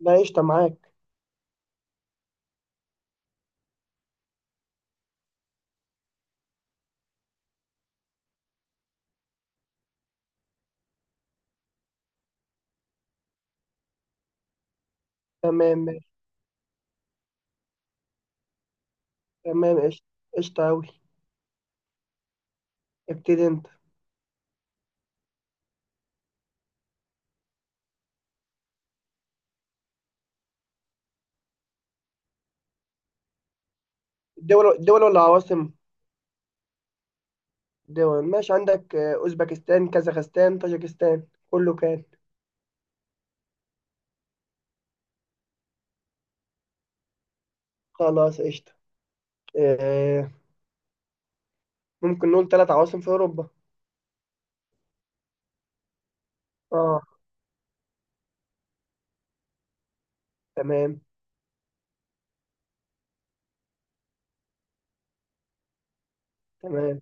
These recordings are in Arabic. لا، قشطة معاك. تمام، ماشي. تمام، قشطة. قشطة أوي. ابتدي أنت. الدول ولا عواصم؟ دول، ماشي. عندك أوزبكستان، كازاخستان، طاجكستان، كله كان. خلاص، قشطة. آه، ممكن نقول ثلاث عواصم في أوروبا؟ اه. تمام. تمام.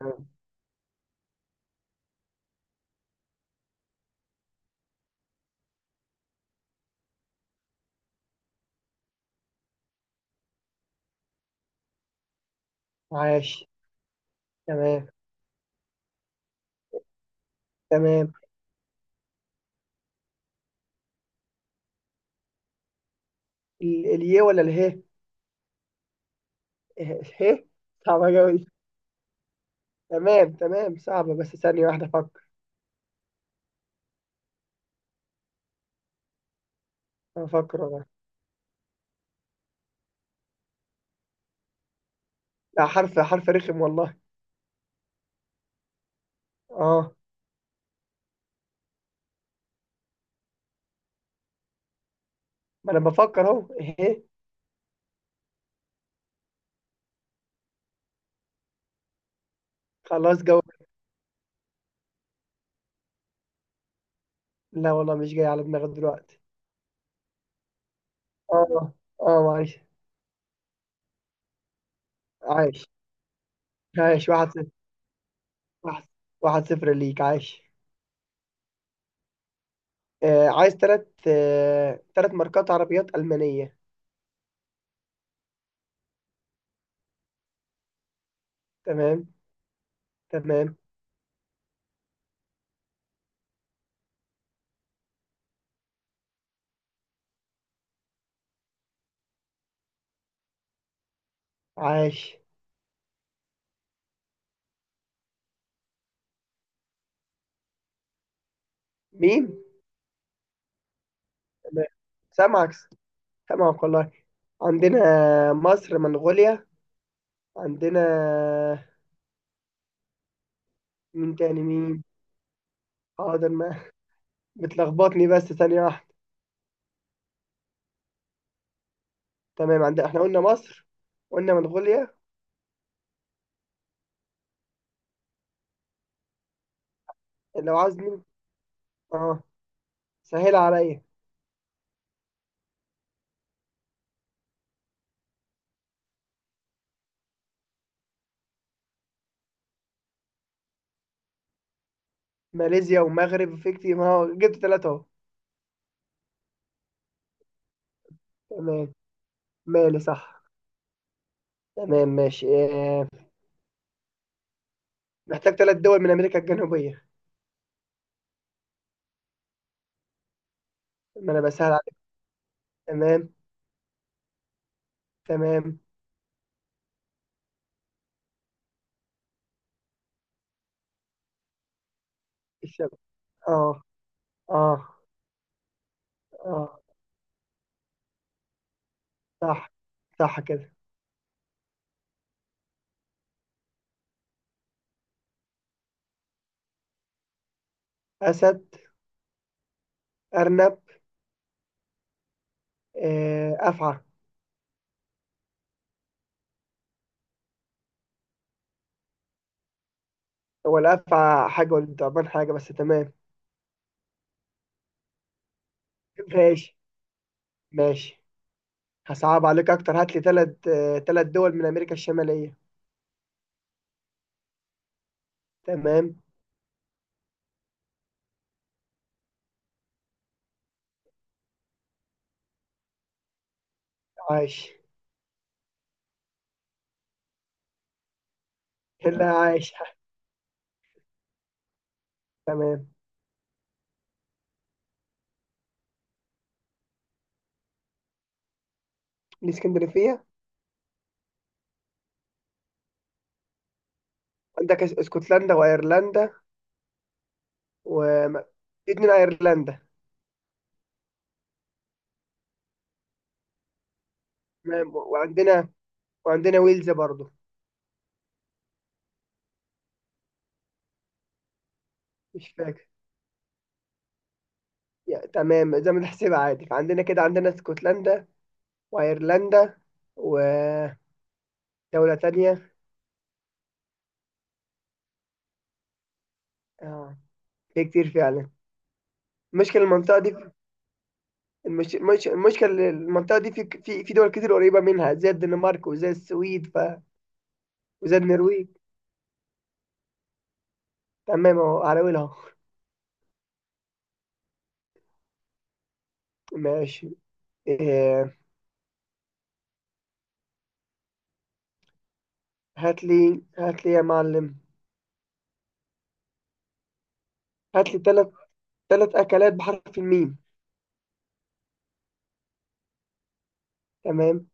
تمام. عاش. تمام. تمام. اليه ولا اله؟ إه، اله. صعبة أوي دي. تمام، تمام، صعبة بس ثانية واحدة أفكر. أفكر والله. لا، حرف رخم والله. اه. ما أنا بفكر أهو، ايه؟ خلاص جو. لا والله مش جاي على دماغي دلوقتي. اه. اه، معلش. عايش. عايش، 1-0. واحد. 1-0 ليك، عايش. عايز تلات تلات ماركات عربيات ألمانية. تمام. تمام. عايش. مين؟ تمام، سامعك. سامعك والله. عندنا مصر، منغوليا. عندنا. مين تاني، مين؟ حاضر، ما بتلخبطني بس ثانية واحدة. تمام، عندنا، احنا قلنا مصر. قلنا منغوليا. لو عاوز، مين؟ اه، سهل عليا. ماليزيا ومغرب، في كتير، ما هو جبت ثلاثة اهو. تمام. مالي، صح. تمام، ماشي آه. محتاج ثلاث دول من أمريكا الجنوبية. ما أنا بسهل عليك. تمام. تمام. الشب. اه. اه. اه. صح. صح كده. أسد. أرنب. أفعى. هو الأفعى حاجة والضبان حاجة، بس تمام. ماشي. ماشي. هصعب عليك أكتر، هات لي ثلاث. ثلاث دول من أمريكا الشمالية. تمام. عايش. لا، عايش. تمام. الإسكندرية. عندك اسكتلندا وايرلندا. و، في اتنين ايرلندا. تمام، وعندنا. وعندنا ويلز برضو. مش فاكر. يا تمام، زي ما تحسبها عادي، فعندنا كده عندنا اسكتلندا. وايرلندا. ودولة تانية. اه، في كتير فعلا. المشكلة المنطقة دي. المشكلة المنطقة دي، في دول كتير قريبة منها زي الدنمارك وزي السويد وزي النرويج. تمام، اهو على ويلها. ماشي. إيه... هات لي يا معلم. هات لي ثلاث أكلات بحرف الميم. تمام.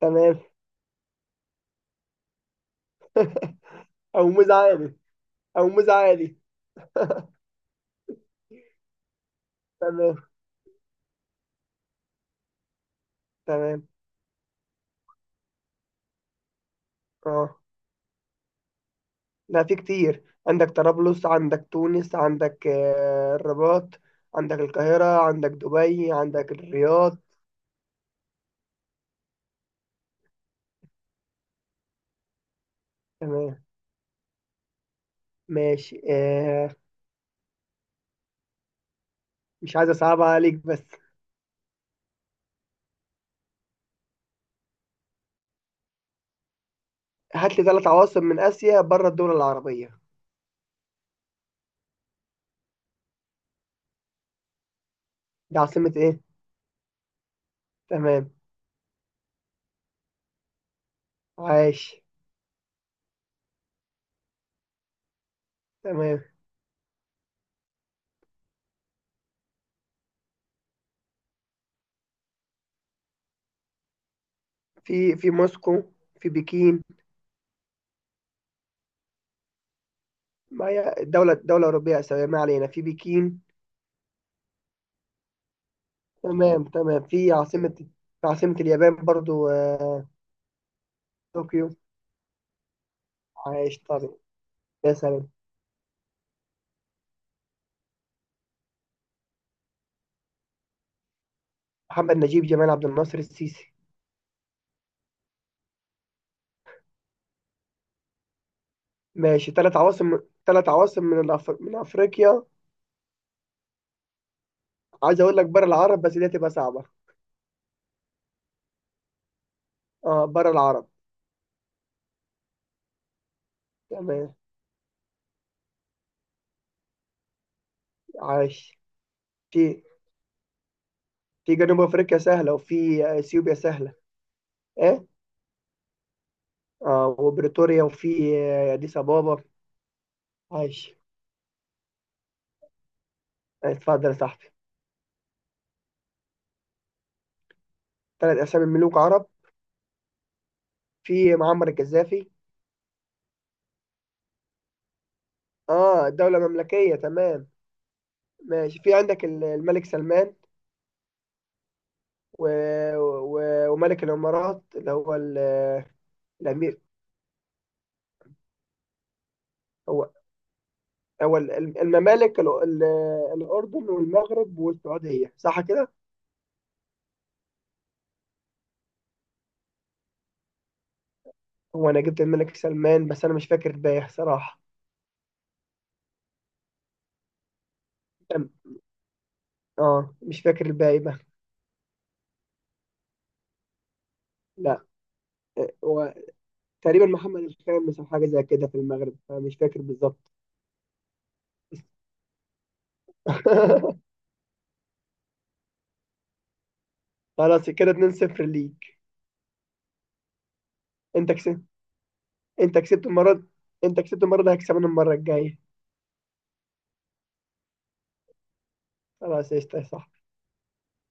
تمام. أو موز عادي. أو موز عادي. تمام. تمام. أه. لا، في كتير، عندك طرابلس، عندك تونس، عندك الرباط. عندك القاهرة، عندك دبي، عندك الرياض. تمام، ماشي آه. مش عايز أصعب عليك بس. هات لي ثلاث عواصم من آسيا بره الدول العربية. دي عاصمة إيه؟ تمام. عايش. تمام. في موسكو. في بكين. ما هي دولة أوروبية آسيوية، ما علينا، في بكين. تمام، تمام. في عاصمة. في عاصمة اليابان برضو، طوكيو. عايش طبعا. يا سلام. محمد نجيب، جمال عبد الناصر، السيسي. ماشي، ثلاث عواصم من أفريقيا. عايز أقول لك بره العرب بس دي هتبقى صعبة. اه، بره العرب. تمام. عايش. في في جنوب أفريقيا سهلة، وفي أثيوبيا سهلة. ايه؟ اه، وبريتوريا، وفي أديس أبابا. عايش. اتفضل يا صاحبي. ثلاث أسامي ملوك عرب. في معمر القذافي. اه، دولة مملكية، تمام. ماشي، في عندك الملك سلمان و... و... وملك الإمارات اللي هو الأمير. هو هو الممالك الأردن والمغرب والسعودية، صح كده؟ هو أنا جبت الملك سلمان بس أنا مش فاكر الباقي صراحة. أم- اه، مش فاكر الباقي بقى. لا، هو تقريبا محمد الخامس أو حاجة زي كده في المغرب، فمش فاكر بالظبط. خلاص كده 2-0 ليك. انت كسبت. انت كسبت المرة دي- انت كسبت المرة دي هكسبنا المرة الجاية. خلاص، قشطة، صح.